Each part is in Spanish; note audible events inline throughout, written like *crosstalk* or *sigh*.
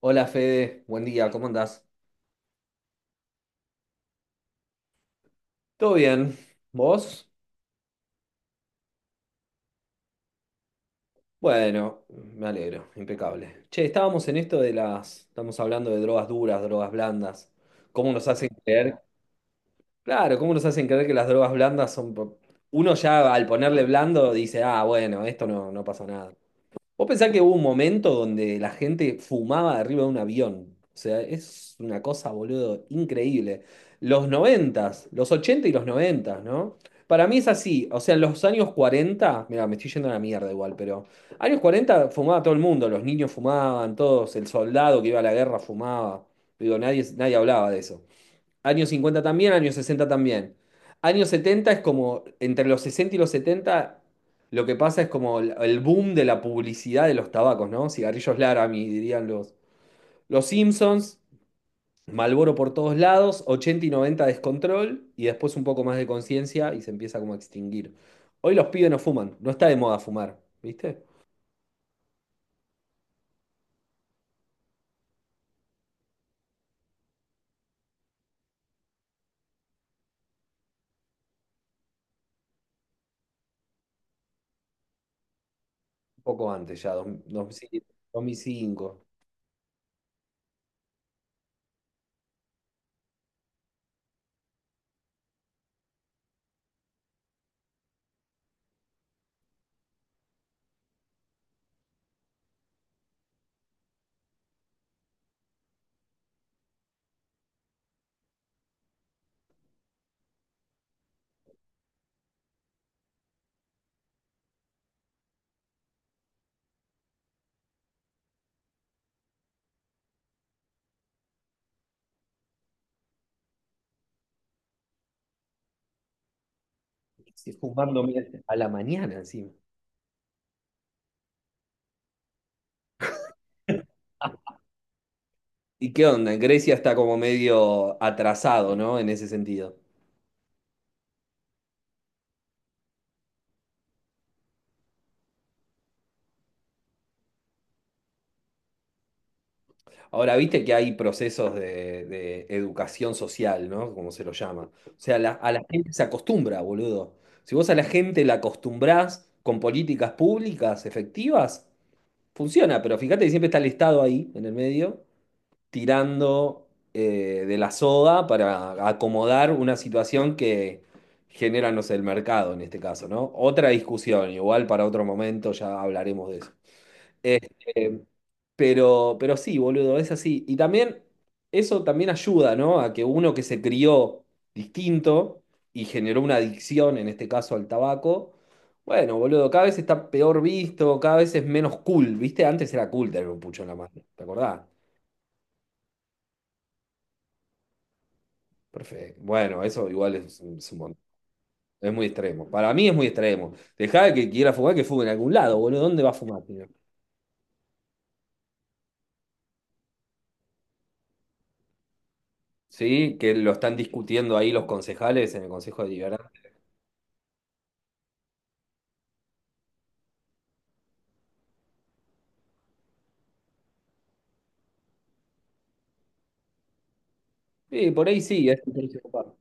Hola Fede, buen día, ¿cómo andás? ¿Todo bien? ¿Vos? Bueno, me alegro, impecable. Che, estábamos en esto de las, estamos hablando de drogas duras, drogas blandas. ¿Cómo nos hacen creer? Claro, ¿cómo nos hacen creer que las drogas blandas son... po- Uno ya al ponerle blando dice, ah, bueno, esto no, no pasa nada. Vos pensás que hubo un momento donde la gente fumaba de arriba de un avión. O sea, es una cosa, boludo, increíble. Los noventas, los 80 y los noventas, ¿no? Para mí es así. O sea, en los años 40 mira, me estoy yendo a la mierda igual, pero años 40 fumaba todo el mundo, los niños fumaban, todos, el soldado que iba a la guerra fumaba. Digo, nadie, nadie hablaba de eso. Años 50 también, años 60 también. Años 70 es como, entre los 60 y los 70 lo que pasa es como el boom de la publicidad de los tabacos, ¿no? Cigarrillos Laramie, dirían los Simpsons, Marlboro por todos lados, 80 y 90 descontrol, y después un poco más de conciencia y se empieza como a extinguir. Hoy los pibes no fuman, no está de moda fumar, ¿viste? Un poco antes ya, dos- mil cinco, dos- mil cinco. Sí, fumando mira, a la mañana encima. ¿Y qué onda? Grecia está como medio atrasado, ¿no? En ese sentido. Ahora, viste que hay procesos de educación social, ¿no? Como se lo llama. O sea, la- a la gente se acostumbra, boludo. Si vos a la gente la acostumbrás con políticas públicas efectivas, funciona, pero fíjate que siempre está el Estado ahí, en el medio. Tirando, de la soga para acomodar una situación que genera, no sé, el mercado en este caso, ¿no? Otra discusión, igual para otro momento ya hablaremos de eso. Este, pero sí, boludo, es así. Y también eso también ayuda, ¿no? A que uno que se crió distinto y generó una adicción, en este caso al tabaco, bueno, boludo, cada vez está peor visto, cada vez es menos cool, ¿viste? Antes era cool tener un pucho en la mano, ¿te acordás? Perfecto. Bueno, eso igual es un montón. Es muy extremo. Para mí es muy extremo. Dejá que quiera fumar, que fume en algún lado, boludo. ¿Dónde va a fumar, tío? Sí, que lo están discutiendo ahí los concejales en el Consejo Deliberante. Sí, por ahí sí, es un precio copado.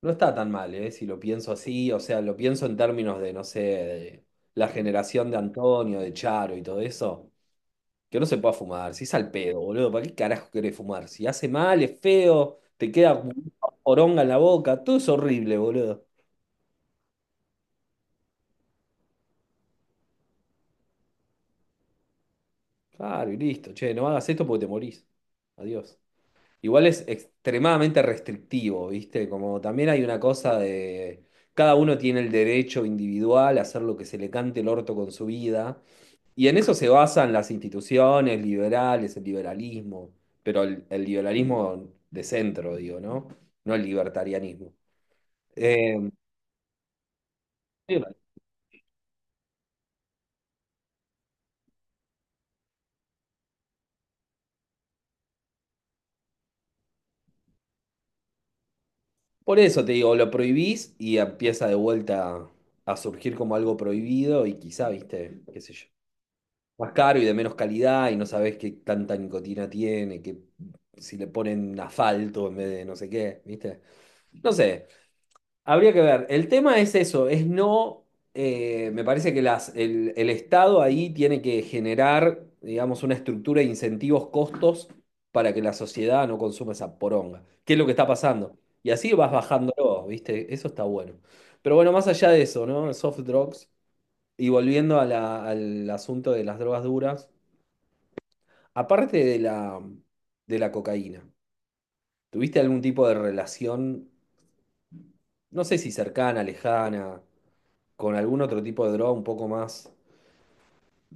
No está tan mal, ¿eh? Si lo pienso así, o sea, lo pienso en términos de, no sé, de la generación de Antonio, de Charo y todo eso. Que no se pueda fumar, si es al pedo, boludo. ¿Para qué carajo querés fumar? Si hace mal, es feo, te queda poronga en la boca, todo es horrible, boludo. Claro, y listo. Che, no hagas esto porque te morís. Adiós. Igual es extremadamente restrictivo, ¿viste? Como también hay una cosa de... Cada uno tiene el derecho individual a hacer lo que se le cante el orto con su vida. Y en eso se basan las instituciones liberales, el liberalismo. Pero el liberalismo de centro, digo, ¿no? No el libertarianismo. Eh, por eso te digo, lo prohibís y empieza de vuelta a surgir como algo prohibido y quizá, ¿viste? ¿Qué sé yo? Más caro y de menos calidad y no sabés qué tanta nicotina tiene, que si le ponen asfalto en vez de no sé qué, ¿viste? No sé, habría que ver. El tema es eso, es no, me parece que las, el Estado ahí tiene que generar, digamos, una estructura de incentivos, costos para que la sociedad no consuma esa poronga. ¿Qué es lo que está pasando? Y así vas bajándolo, ¿viste? Eso está bueno. Pero bueno, más allá de eso, ¿no? Soft drugs. Y volviendo a la- al asunto de las drogas duras. Aparte de la cocaína, ¿tuviste algún tipo de relación, no sé si cercana, lejana, con algún otro tipo de droga un poco más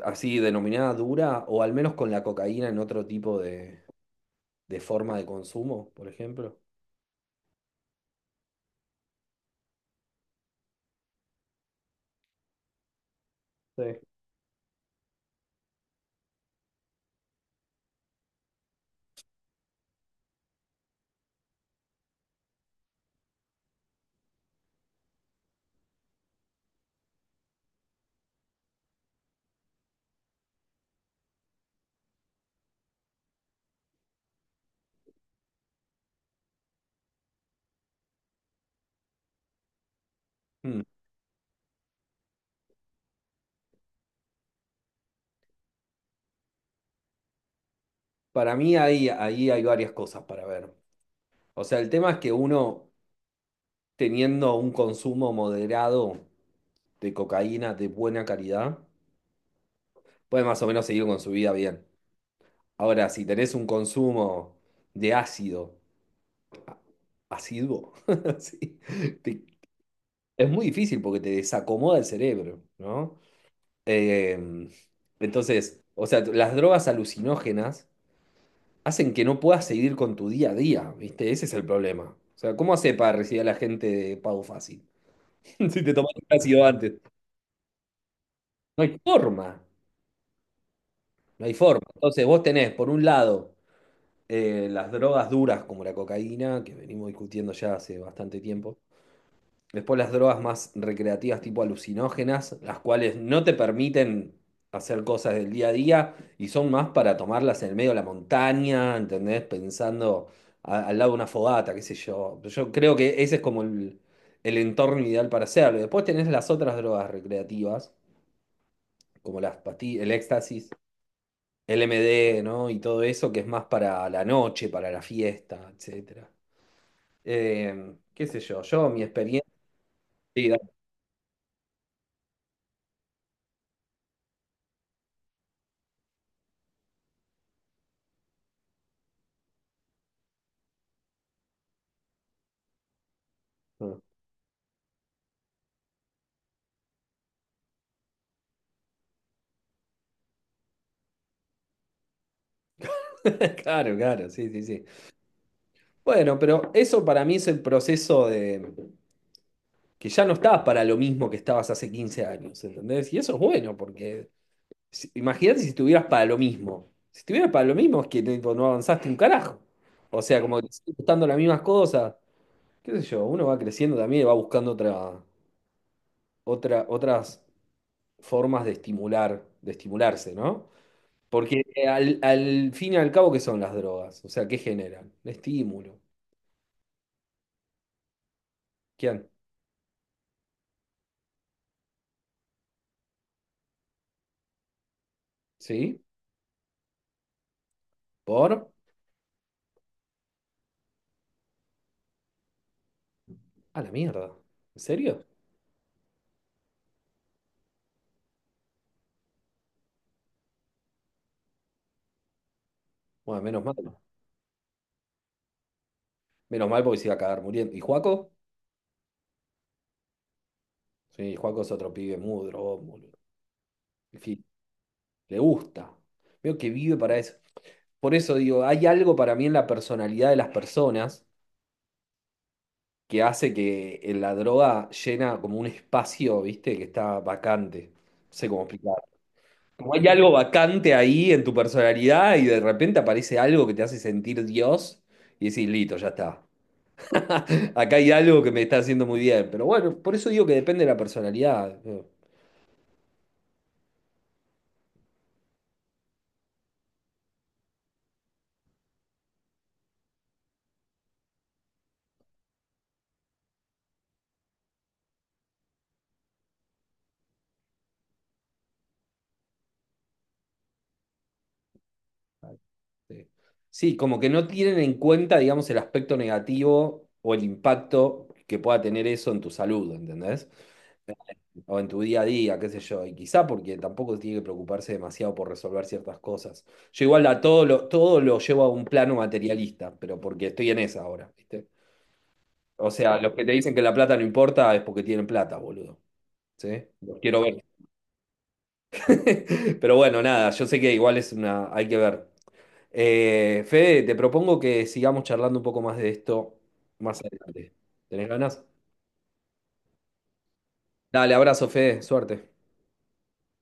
así denominada dura, o al menos con la cocaína en otro tipo de forma de consumo, por ejemplo? Sí. Hmm. Para mí ahí, ahí hay varias cosas para ver. O sea, el tema es que uno, teniendo un consumo moderado de cocaína de buena calidad, puede más o menos seguir con su vida bien. Ahora, si tenés un consumo de ácido, asiduo, *laughs* sí, te- es muy difícil porque te desacomoda el cerebro, ¿no? Eh, entonces, o sea, las drogas alucinógenas hacen que no puedas seguir con tu día a día, ¿viste? Ese es el problema. O sea, ¿cómo hace para recibir a la gente de pago fácil? *laughs* Si te tomaste un ácido antes. No hay forma, no hay forma. Entonces, vos tenés, por un lado, las drogas duras como la cocaína, que venimos discutiendo ya hace bastante tiempo. Después las drogas más recreativas tipo alucinógenas, las cuales no te permiten hacer cosas del día a día y son más para tomarlas en el medio de la montaña, ¿entendés? Pensando a- al lado de una fogata, qué sé yo. Yo creo que ese es como el entorno ideal para hacerlo. Después tenés las otras drogas recreativas, como las pastillas, el éxtasis, el MD, ¿no? Y todo eso que es más para la noche, para la fiesta, etcétera. Qué sé yo, yo mi experiencia... Sí, dale. *laughs* Claro, claro, sí, sí, sí. Bueno, pero eso para mí es el proceso de que ya no estás para lo mismo que estabas hace 15 años, ¿entendés? Y eso es bueno, porque si- imagínate si estuvieras para lo mismo. Si estuvieras para lo mismo es que tipo, no avanzaste un carajo. O sea, como que te siguen gustando las mismas cosas. Qué sé yo, uno va creciendo también y va buscando otra, otra, otras formas de estimular, de estimularse, ¿no? Porque al, al fin y al cabo, ¿qué son las drogas? O sea, ¿qué generan? Estímulo. ¿Quién? Sí, por... A la mierda. ¿En serio? Bueno, menos mal. Menos mal porque se iba a cagar muriendo. ¿Y Juaco? Sí, Juaco es otro pibe muy drogón, boludo. En fin, le gusta. Veo que vive para eso. Por eso digo, hay algo para mí en la personalidad de las personas que hace que en la droga llena como un espacio, ¿viste? Que está vacante. No sé cómo explicar. Como hay algo vacante ahí en tu personalidad y de repente aparece algo que te hace sentir Dios y decís, listo, ya está. *laughs* Acá hay algo que me está haciendo muy bien, pero bueno, por eso digo que depende de la personalidad, ¿no? Este, sí, como que no tienen en cuenta, digamos, el aspecto negativo o el impacto que pueda tener eso en tu salud, ¿entendés? O en tu día a día, qué sé yo. Y quizá porque tampoco tiene que preocuparse demasiado por resolver ciertas cosas. Yo igual a todo lo llevo a un plano materialista, pero porque estoy en esa ahora, ¿viste? O sea, los que te dicen que la plata no importa es porque tienen plata, boludo. ¿Sí? Los quiero ver. *laughs* Pero bueno, nada, yo sé que igual es una, hay que ver. Fede, te propongo que sigamos charlando un poco más de esto más adelante. ¿Tenés ganas? Dale, abrazo, Fede, suerte.